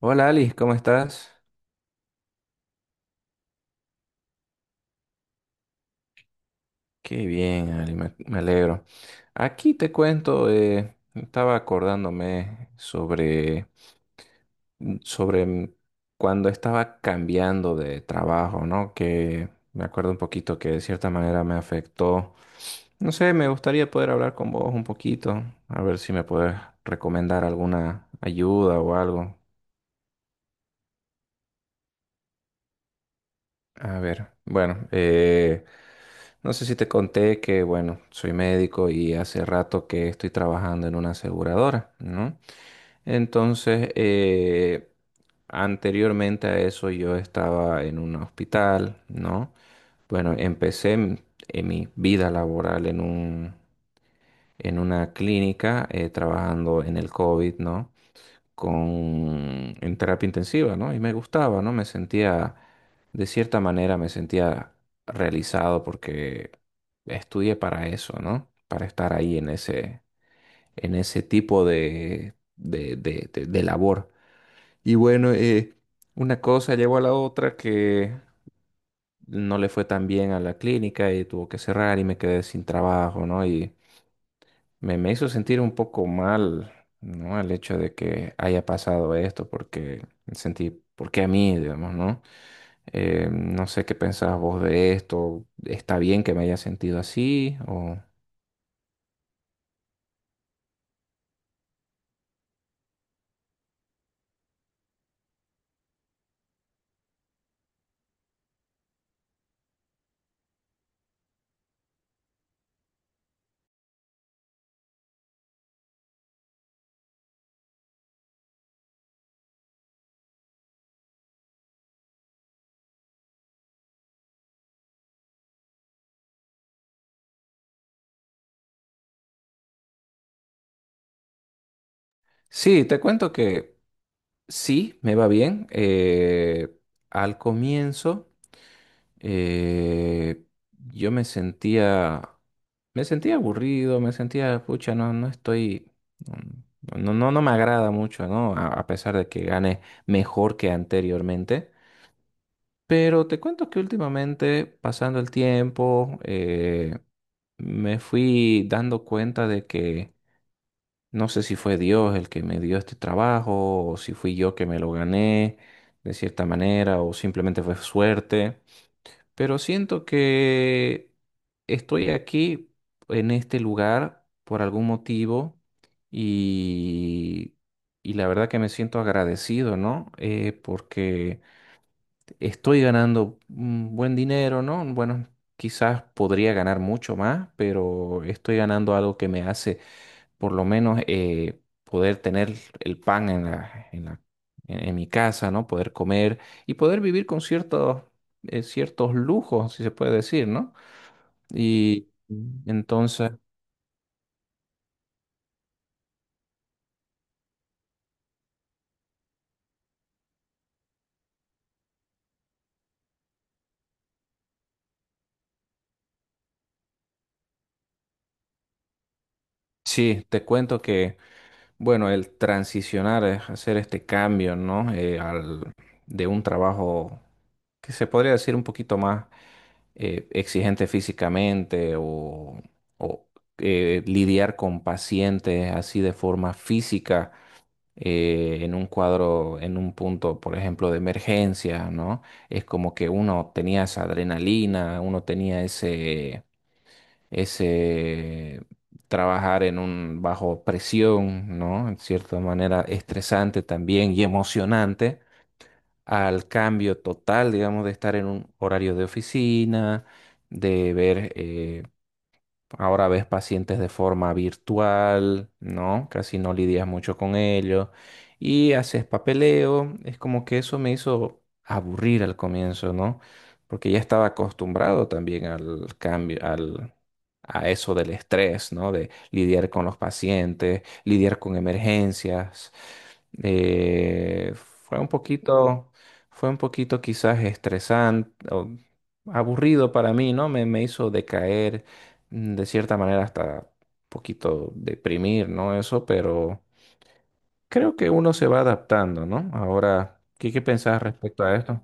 Hola Ali, ¿cómo estás? Qué bien, Ali, me alegro. Aquí te cuento, estaba acordándome sobre, sobre cuando estaba cambiando de trabajo, ¿no? Que me acuerdo un poquito que de cierta manera me afectó. No sé, me gustaría poder hablar con vos un poquito, a ver si me puedes recomendar alguna ayuda o algo. A ver, bueno, no sé si te conté que, bueno, soy médico y hace rato que estoy trabajando en una aseguradora, ¿no? Entonces, anteriormente a eso yo estaba en un hospital, ¿no? Bueno, empecé en mi vida laboral en un, en una clínica, trabajando en el COVID, ¿no? Con, en terapia intensiva, ¿no? Y me gustaba, ¿no? Me sentía, de cierta manera, me sentía realizado porque estudié para eso, ¿no? Para estar ahí en ese tipo de labor. Y bueno, una cosa llevó a la otra que no le fue tan bien a la clínica y tuvo que cerrar y me quedé sin trabajo, ¿no? Me hizo sentir un poco mal, ¿no? El hecho de que haya pasado esto, porque sentí, ¿por qué a mí, digamos, ¿no? No sé qué pensás vos de esto. ¿Está bien que me haya sentido así? O... Sí, te cuento que sí, me va bien. Al comienzo, eh, yo me sentía. Me sentía aburrido, me sentía, pucha, no estoy, no me agrada mucho, ¿no? A pesar de que gane mejor que anteriormente. Pero te cuento que últimamente, pasando el tiempo, me fui dando cuenta de que no sé si fue Dios el que me dio este trabajo, o si fui yo que me lo gané de cierta manera, o simplemente fue suerte. Pero siento que estoy aquí en este lugar por algún motivo y, y la verdad que me siento agradecido, ¿no? Porque estoy ganando un buen dinero, ¿no? Bueno, quizás podría ganar mucho más, pero estoy ganando algo que me hace por lo menos poder tener el pan en la, en mi casa, ¿no? Poder comer y poder vivir con ciertos, ciertos lujos, si se puede decir, ¿no? Y entonces, sí, te cuento que, bueno, el transicionar, hacer este cambio, ¿no? De un trabajo que se podría decir un poquito más exigente físicamente o... O, lidiar con pacientes así de forma física, en un cuadro, en un punto, por ejemplo, de emergencia, ¿no? Es como que uno tenía esa adrenalina, uno tenía ese, ese trabajar en un bajo presión, ¿no? En cierta manera estresante también y emocionante, al cambio total, digamos, de estar en un horario de oficina, de ver ahora ves pacientes de forma virtual, ¿no? Casi no lidias mucho con ellos y haces papeleo. Es como que eso me hizo aburrir al comienzo, ¿no? Porque ya estaba acostumbrado también al cambio, al, a eso del estrés, ¿no? De lidiar con los pacientes, lidiar con emergencias. Eh, fue un poquito, fue un poquito quizás estresante o aburrido para mí, ¿no? Me hizo decaer de cierta manera hasta un poquito deprimir, ¿no? Eso, pero creo que uno se va adaptando, ¿no? Ahora, ¿qué pensás respecto a esto?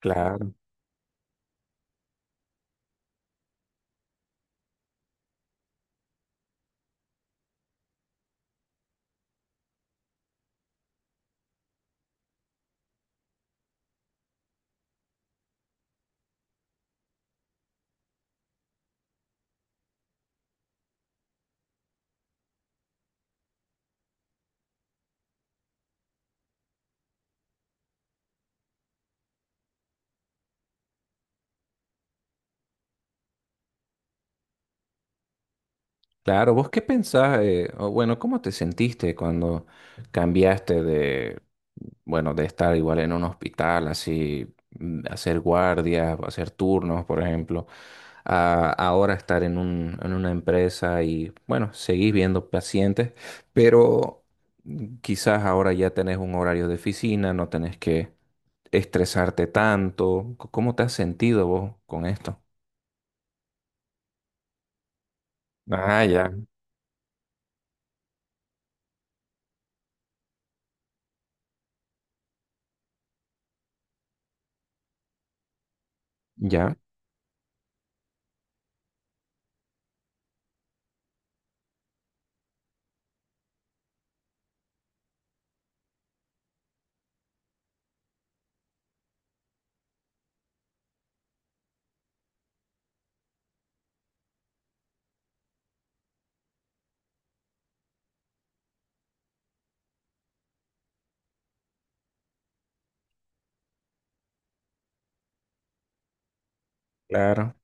Claro. Claro, ¿vos qué pensás? O bueno, ¿cómo te sentiste cuando cambiaste de, bueno, de estar igual en un hospital, así, hacer guardias, hacer turnos, por ejemplo, a ahora estar en un, en una empresa y, bueno, seguís viendo pacientes, pero quizás ahora ya tenés un horario de oficina, no tenés que estresarte tanto. ¿Cómo te has sentido vos con esto? Ah, ya. Ya, claro,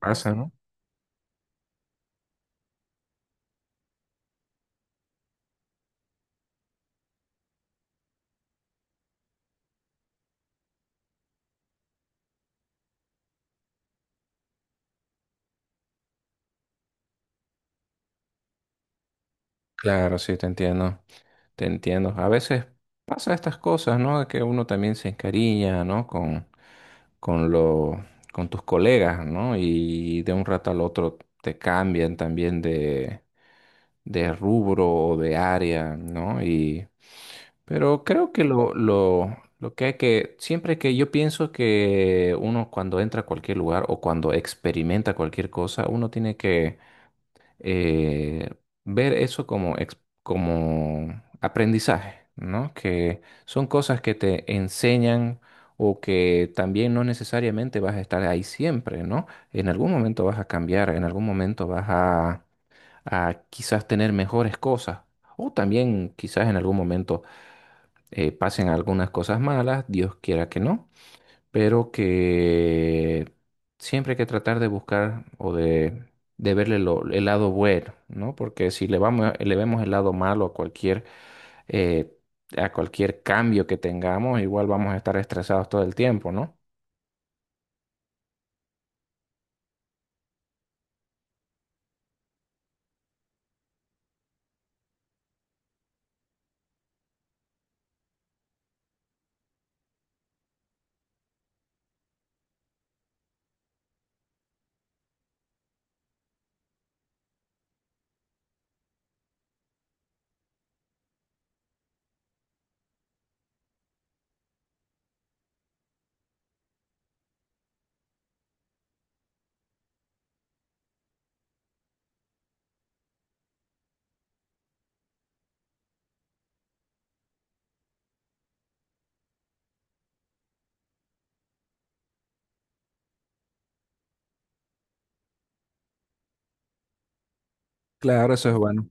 pasa, ¿no? Claro, sí, te entiendo, te entiendo. A veces pasa estas cosas, ¿no? De que uno también se encariña, ¿no? Con lo, con tus colegas, ¿no? Y de un rato al otro te cambian también de rubro o de área, ¿no? Y, pero creo que lo que hay que, siempre que yo pienso que uno cuando entra a cualquier lugar o cuando experimenta cualquier cosa, uno tiene que eh, ver eso como, como aprendizaje, ¿no? Que son cosas que te enseñan o que también no necesariamente vas a estar ahí siempre, ¿no? En algún momento vas a cambiar, en algún momento vas a quizás tener mejores cosas. O también quizás en algún momento pasen algunas cosas malas, Dios quiera que no, pero que siempre hay que tratar de buscar o de verle el lado bueno, ¿no? Porque si le vamos, le vemos el lado malo eh, a cualquier cambio que tengamos, igual vamos a estar estresados todo el tiempo, ¿no? Claro, eso es bueno.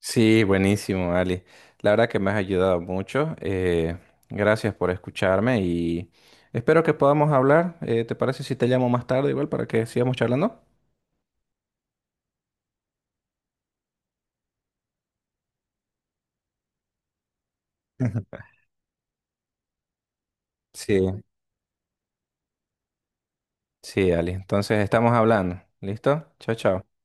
Sí, buenísimo, Ali. La verdad que me has ayudado mucho. Gracias por escucharme y espero que podamos hablar. ¿Te parece si te llamo más tarde igual para que sigamos charlando? Sí, sí, Ali. Entonces estamos hablando. ¿Listo? Chao, chao.